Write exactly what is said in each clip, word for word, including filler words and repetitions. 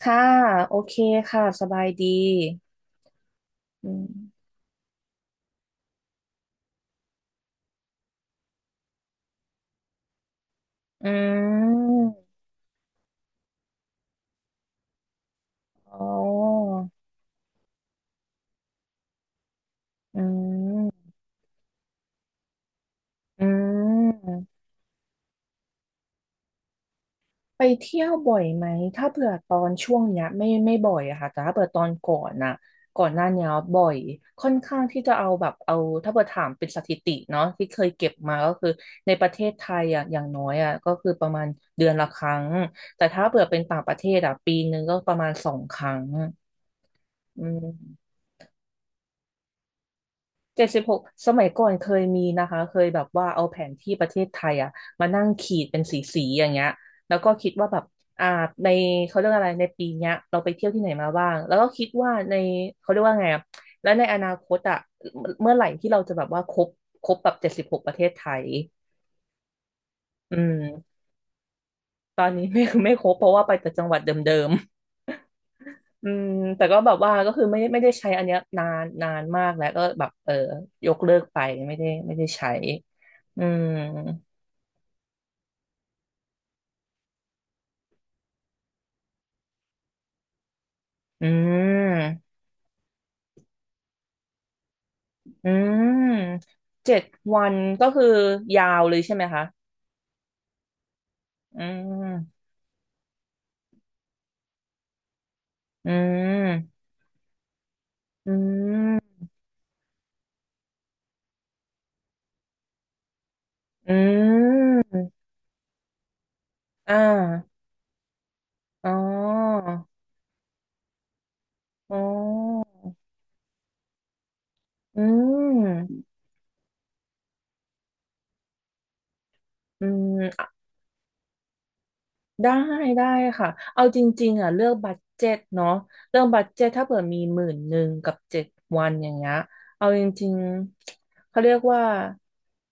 ค่ะโอเคค่ะสบายดีอืมอืมอ๋ออืมอืมไปเที่ยวบ่อยไหมถ้าเผื่อตอนช่วงเนี้ยไม่ไม่บ่อยอะค่ะแต่ถ้าเผื่อตอนก่อนน่ะก่อนหน้าเนี้ยบ่อยค่อนข้างที่จะเอาแบบเอาถ้าเผื่อถามเป็นสถิติเนาะที่เคยเก็บมาก็คือในประเทศไทยอะอย่างน้อยอะก็คือประมาณเดือนละครั้งแต่ถ้าเผื่อเป็นต่างประเทศอะปีนึงก็ประมาณสองครั้งอืม เจ็ดสิบหกสมัยก่อนเคยมีนะคะเคยแบบว่าเอาแผนที่ประเทศไทยอะมานั่งขีดเป็นสีสีอย่างเงี้ยแล้วก็คิดว่าแบบอ่าในเขาเรียกอะไรในปีเนี้ยเราไปเที่ยวที่ไหนมาบ้างแล้วก็คิดว่าในเขาเรียกว่าไงอะแล้วในอนาคตอะเมื่อไหร่ที่เราจะแบบว่าครบครบแบบเจ็ดสิบหกประเทศไทยอืมตอนนี้ไม่ ไม่ครบเพราะว่าไปแต่จังหวัดเดิม อืมแต่ก็แบบว่าก็คือไม่ได้ไม่ได้ใช้อันเนี้ยนานนานมากแล้วก็แบบเออยกเลิกไปไม่ได้ไม่ได้ใช้อืมอืมอืมเจ็ดวันก็คือยาวเลยใช่ไหมคะอืมอืมอืมอืมอ่าอ๋ออ๋ออืมอืม ได้ได้ค่ะเอาจริงๆอ่ะเลือกบัดเจ็ตเนาะเรื่องบัดเจ็ตถ้าเผื่อมีหมื่นหนึ่งกับเจ็ดวันอย่างเงี้ยเอาจริงๆเขาเรียกว่า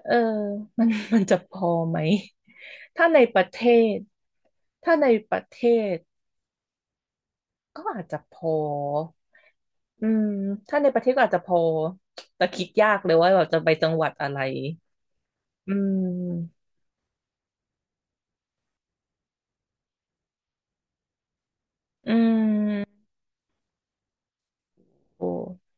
เออ มันมันจะพอไหมถ้าในประเทศถ้าในประเทศก็อาจจะพออืมถ้าในประเทศก็อาจจะพอแต่คิดยากเลยว่าเราจะไปจังหวัดอะไรอืมอืมโอ้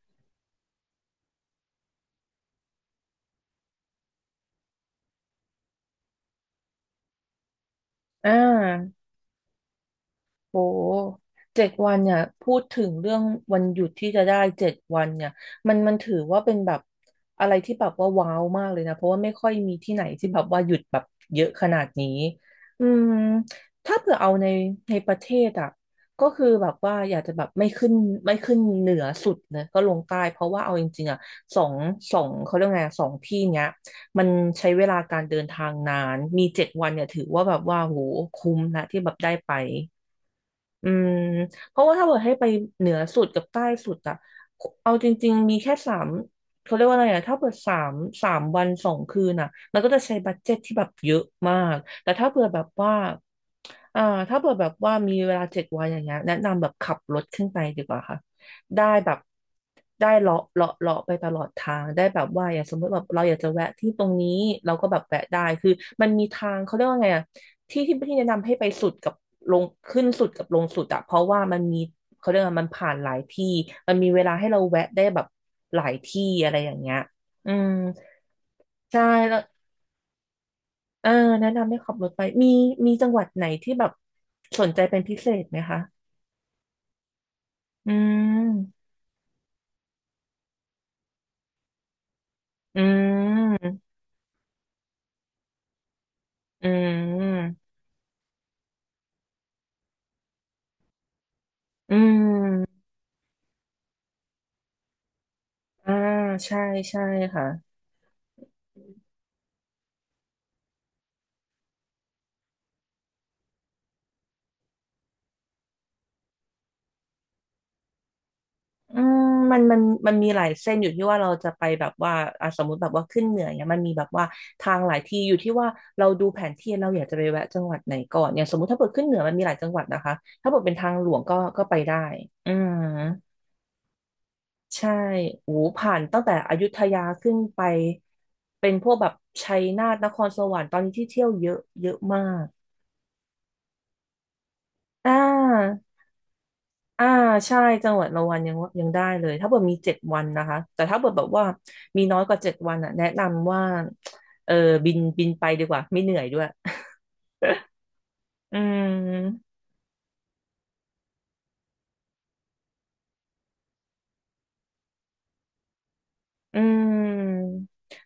อ่า โอ้ เจ็ดวันเนี่ยพูดถึงเรื่องวันหยุดที่จะได้เจ็ดวันเนี่ยมันมันถือว่าเป็นแบบอะไรที่แบบว่าว้าวมากเลยนะเพราะว่าไม่ค่อยมีที่ไหนที่แบบว่าหยุดแบบเยอะขนาดนี้อืมถ้าเผื่อเอาในในประเทศอ่ะก็คือแบบว่าอยากจะแบบไม่ขึ้นไม่ขึ้นเหนือสุดนะก็ลงใต้เพราะว่าเอาจริงๆอ่ะสองสองเขาเรียกไงสองที่เนี้ยมันใช้เวลาการเดินทางนานมีเจ็ดวันเนี่ยถือว่าแบบว่าโหคุ้มนะที่แบบได้ไป อืมเพราะว่าถ้าเกิดให้ไปเหนือสุดกับใต้สุดอะเอาจริงๆมีแค่สามเขาเรียกว่าอะไรอะถ้าเปิดสามสามวันสองคืนอะมันก็จะใช้บัดเจ็ตที่แบบเยอะมากแต่ถ้าเผื่อแบบว่าอ่าถ้าเผื่อแบบว่ามีเวลาเจ็ดวันอย่างเงี้ยแนะนำแบบขับรถขึ้นไปดีกว่าค่ะได้แบบได้เลาะเลาะเลาะไปตลอดทางได้แบบว่าอย่างสมมติแบบเราอยากจะแวะที่ตรงนี้เราก็แบบแวะได้คือมันมีทางเขาเรียกว่าไงอะ ที่ที่ที่แนะนำให้ไปสุดกับลงขึ้นสุดกับลงสุดอะเพราะว่ามันมีเขาเรียกว่ามันผ่านหลายที่มันมีเวลาให้เราแวะได้แบบหลายที่อะไรอย่างเงี้ยอืมใช่แล้วเออแนะนำให้ขับรถไปมีมีจังหวัดไหนที่แบบสนใจเป็นพิเศษไหมคะอืมอืมอืมอืมอ่าใช่ใช่ค่ะ อืมมันมันมันมีหลายเส้นอยู่ที่ว่าเราจะไปแบบว่าอ่ะสมมติแบบว่าขึ้นเหนือเนี่ยมันมีแบบว่าทางหลายที่อยู่ที่ว่าเราดูแผนที่เราอยากจะไปแวะจังหวัดไหนก่อนเนี่ยสมมติถ้าเปิดขึ้นเหนือมันมีหลายจังหวัดนะคะถ้าเปิดเป็นทางหลวงก็ก็ไปได้อืมใช่โอ้ผ่านตั้งแต่อยุธยาขึ้นไปเป็นพวกแบบชัยนาทนครสวรรค์ตอนนี้ที่เที่ยวเยอะเยอะมากอ่า อ่าใช่จังหวัดละวันยังยังได้เลยถ้าเกิดมีเจ็ดวันนะคะแต่ถ้าเกิดแบบว่ามีน้อยกว่าเจ็ดวันอ่ะแนะนำว่าเออบินบินไปดีกว่าไม่เหนื่อยด้วย อืมอืม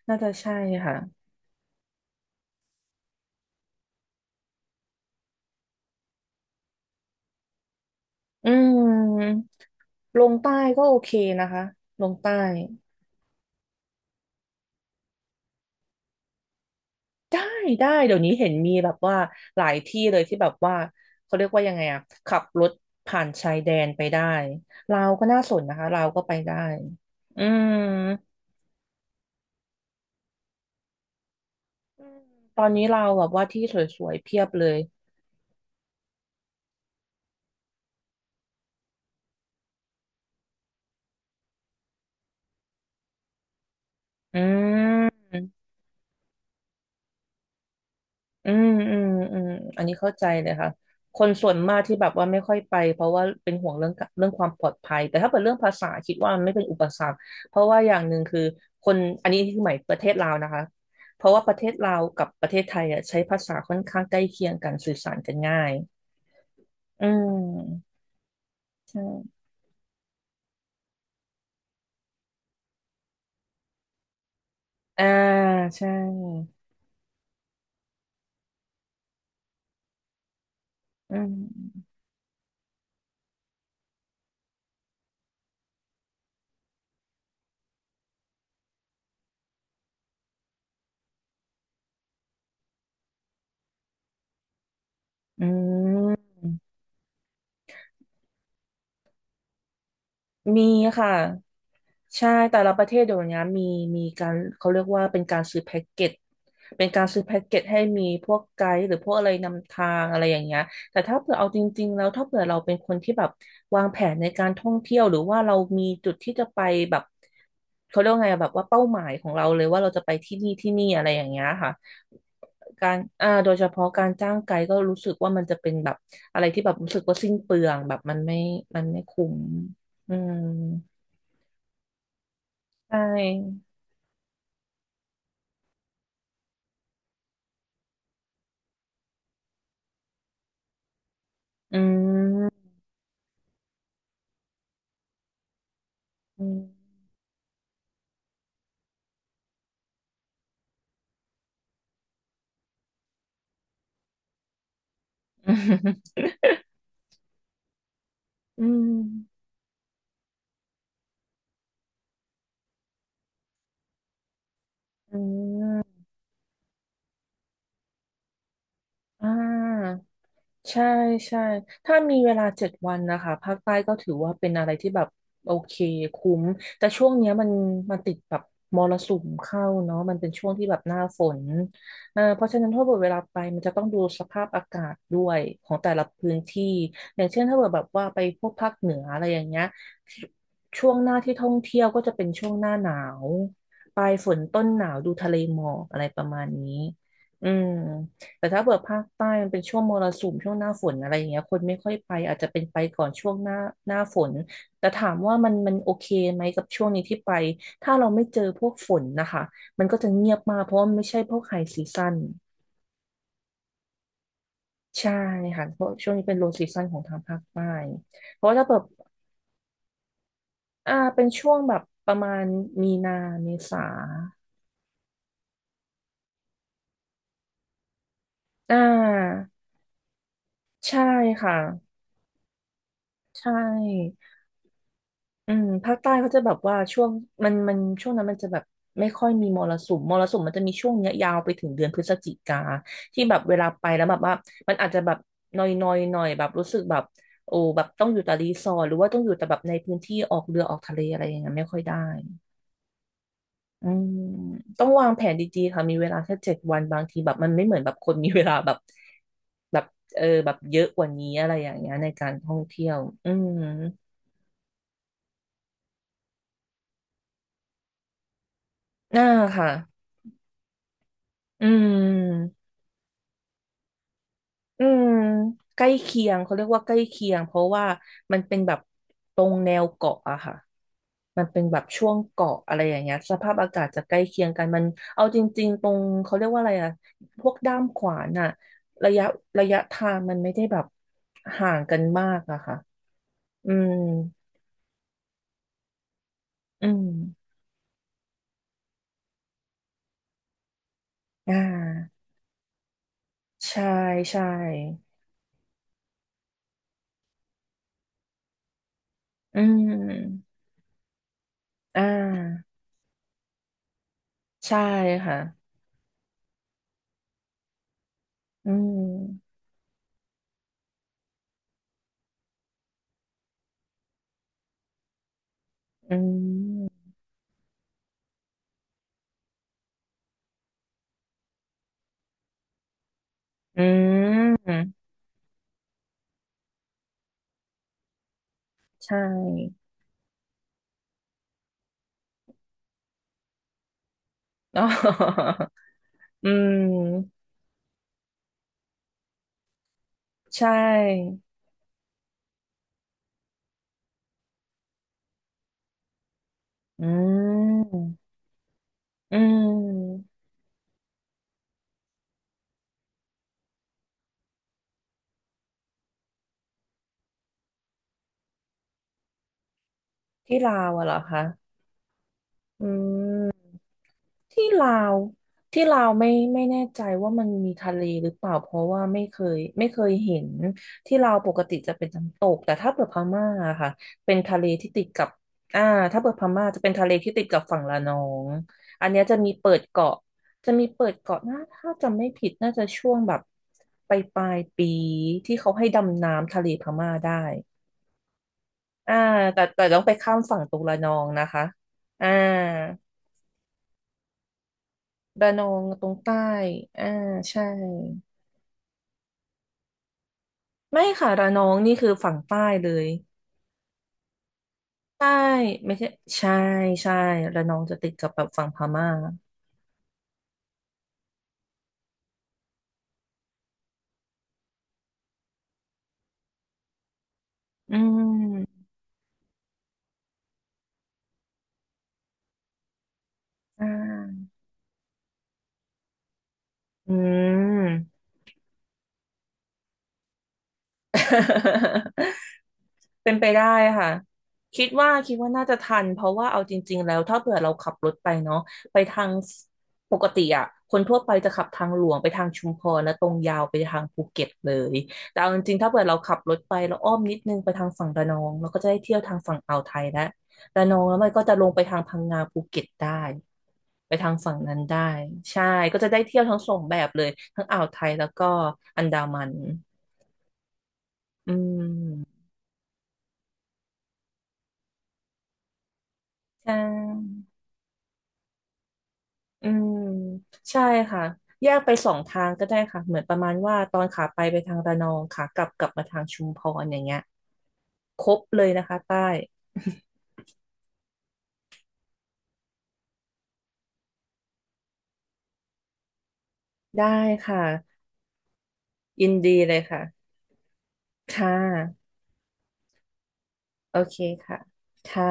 น่าจะใช่ค่ะอืมลงใต้ก็โอเคนะคะลงใต้ได้ได้เดี๋ยวนี้เห็นมีแบบว่าหลายที่เลยที่แบบว่าเขาเรียกว่ายังไงอ่ะขับรถผ่านชายแดนไปได้ลาวก็น่าสนนะคะลาวก็ไปได้อืม อืมตอนนี้เราแบบว่าที่สวยๆเพียบเลยอืมอืมอืมอืมอันนี้เข้าใจเลยค่ะคนส่วนมากที่แบบว่าไม่ค่อยไปเพราะว่าเป็นห่วงเรื่องเรื่องความปลอดภัยแต่ถ้าเป็นเรื่องภาษาคิดว่ามันไม่เป็นอุปสรรคเพราะว่าอย่างหนึ่งคือคนอันนี้ที่หมายประเทศลาวนะคะเพราะว่าประเทศลาวกับประเทศไทยอ่ะใช้ภาษาค่อนข้างใกล้เคียงกันสื่อสารกันง่ายอืมใช่อ่าใช่อืมอืม มีค่ะใช่แต่ละประเทศเดี๋ยวนี้มีมีการเขาเรียกว่าเป็นการซื้อแพ็กเกจเป็นการซื้อแพ็กเกจให้มีพวกไกด์หรือพวกอะไรนำทางอะไรอย่างเงี้ยแต่ถ้าเผื่อเอาจริงๆแล้วถ้าเผื่อเราเป็นคนที่แบบวางแผนในการท่องเที่ยวหรือว่าเรามีจุดที่จะไปแบบเขาเรียกว่าไงอะแบบว่าเป้าหมายของเราเลยว่าเราจะไปที่นี่ที่นี่อะไรอย่างเงี้ยค่ะการอ่าโดยเฉพาะการจ้างไกด์ก็รู้สึกว่ามันจะเป็นแบบอะไรที่แบบรู้สึกว่าสิ้นเปลืองแบบมันไม่มันไม่คุ้ม อืมใช่อืมอืมอืมอืมอ่า ใช่ใช่ถ้ามีเวลาเจ็ดวันนะคะภาคใต้ก็ถือว่าเป็นอะไรที่แบบโอเคคุ้มแต่ช่วงเนี้ยมันมันติดแบบมรสุมเข้าเนาะมันเป็นช่วงที่แบบหน้าฝนเอ่อเพราะฉะนั้นถ้าเกิดเวลาไปมันจะต้องดูสภาพอากาศด้วยของแต่ละพื้นที่อย่างเช่นถ้าเกิดแบบว่าไปพวกภาคเหนืออะไรอย่างเงี้ยช่วงหน้าที่ท่องเที่ยวก็จะเป็นช่วงหน้าหนาวปลายฝนต้นหนาวดูทะเลหมอกอะไรประมาณนี้อืม แต่ถ้าเบิดภาคใต้มันเป็นช่วงมรสุมช่วงหน้าฝนอะไรอย่างเงี้ยคนไม่ค่อยไปอาจจะเป็นไปก่อนช่วงหน้าหน้าฝนแต่ถามว่ามันมันโอเคไหมกับช่วงนี้ที่ไปถ้าเราไม่เจอพวกฝนนะคะมันก็จะเงียบมากเพราะว่ามันไม่ใช่พวกไฮซีซั่นใช่ค่ะเพราะช่วงนี้เป็นโลซีซั่นของทางภาคใต้เพราะว่าถ้าแบบอ่าเป็นช่วงแบบประมาณมีนาเมษาอ่าใช่ค่ะใช่ อืมภาคใต้เขาจะแบบว่าช่วงมันมันช่วงนั้นมันจะแบบไม่ค่อยมีมรสุมมรสุมมันจะมีช่วงเนี้ยยาวไปถึงเดือนพฤศจิกาที่แบบเวลาไปแล้วแบบว่ามันอาจจะแบบนอยนอยหน่อยแบบรู้สึกแบบโอ้แบบต้องอยู่แต่รีสอร์ทหรือว่าต้องอยู่แต่แบบในพื้นที่ออกเรือออกทะเลอะไรอย่างเงี้ยไม่ค่อยได้อืมต้องวางแผนดีๆค่ะมีเวลาแค่เจ็ดวันบางทีแบบมันไม่เหมือนแบบคนมีเวลาแบบแบบเออแบบเยอะกว่านี้อะไรอย่างเงี้ยในการท่องเที่ยวอืมน่าค่ะอืม อืมใกล้เคียงเขาเรียกว่าใกล้เคียงเพราะว่ามันเป็นแบบตรงแนวเกาะอะค่ะมันเป็นแบบช่วงเกาะอะไรอย่างเงี้ยสภาพอากาศจะใกล้เคียงกันมันเอาจริงๆตรงเขาเรียกว่าอะไรอะพวกด้ามขวานอะระยะระยะทางมันไม่ได้แบบห่างกันมากอะค่ะอืมอืมอ่าใช่ใช่อืมอ่าใช่ค่ะอืมอืมอืม ใช่ อ๋ออืมใช่ อืมอืมที่ลาวอะเหรอคะ อืม ที่ลาวที่ลาวไม่ไม่แน่ใจว่ามันมีทะเลหรือเปล่าเพราะว่าไม่เคยไม่เคยเห็นที่ลาวปกติจะเป็นน้ำตกแต่ถ้าเปิดพม่าอะค่ะเป็นทะเลที่ติดกับอ่าถ้าเปิดพม่าจะเป็นทะเลที่ติดกับฝั่งระนองอันเนี้ยจะมีเปิดเกาะจะมีเปิดเกาะนะถ้าจำไม่ผิดน่าจะช่วงแบบปลายปลายปีที่เขาให้ดำน้ำทะเลพม่าได้อ่าแต่แต่ต้องไปข้ามฝั่งตรงระนองนะคะอ่า ระนองตรงใต้ อ่า ใช่ ไม่ค่ะระนองนี่คือฝั่งใต้เลยใต้ไม่ใช่ ใช่ใช่ระนองจะติดกับแบบฝั่งพม่าอืมอ่าอืม เป็นไปได้ค่ะคิดว่าคิดว่าน่าจะทันเพราะว่าเอาจริงๆแล้วถ้าเผื่อเราขับรถไปเนาะไปทางปกติอะคนทั่วไปจะขับทางหลวงไปทางชุมพรแล้วตรงยาวไปทางภูเก็ตเลยแต่เอาจริงๆถ้าเผื่อเราขับรถไปแล้วอ้อมนิดนึงไปทางฝั่งระนองเราก็จะได้เที่ยวทางฝั่งอ่าวไทยแล้วระนองแล้วมันก็จะลงไปทางพังงาภูเก็ตได้ไปทางฝั่งนั้นได้ใช่ก็จะได้เที่ยวทั้งสองแบบเลยทั้งอ่าวไทยแล้วก็อันดามันอืม ใช่อืมใช่ค่ะแยกไปสองทางก็ได้ค่ะเหมือนประมาณว่าตอนขาไปไปทางระนองขากลับกลับมาทางชุมพรอย่างเงี้ยครบเลยนะคะใต้ ได้ค่ะยินดีเลยค่ะค่ะโอเคค่ะค่ะ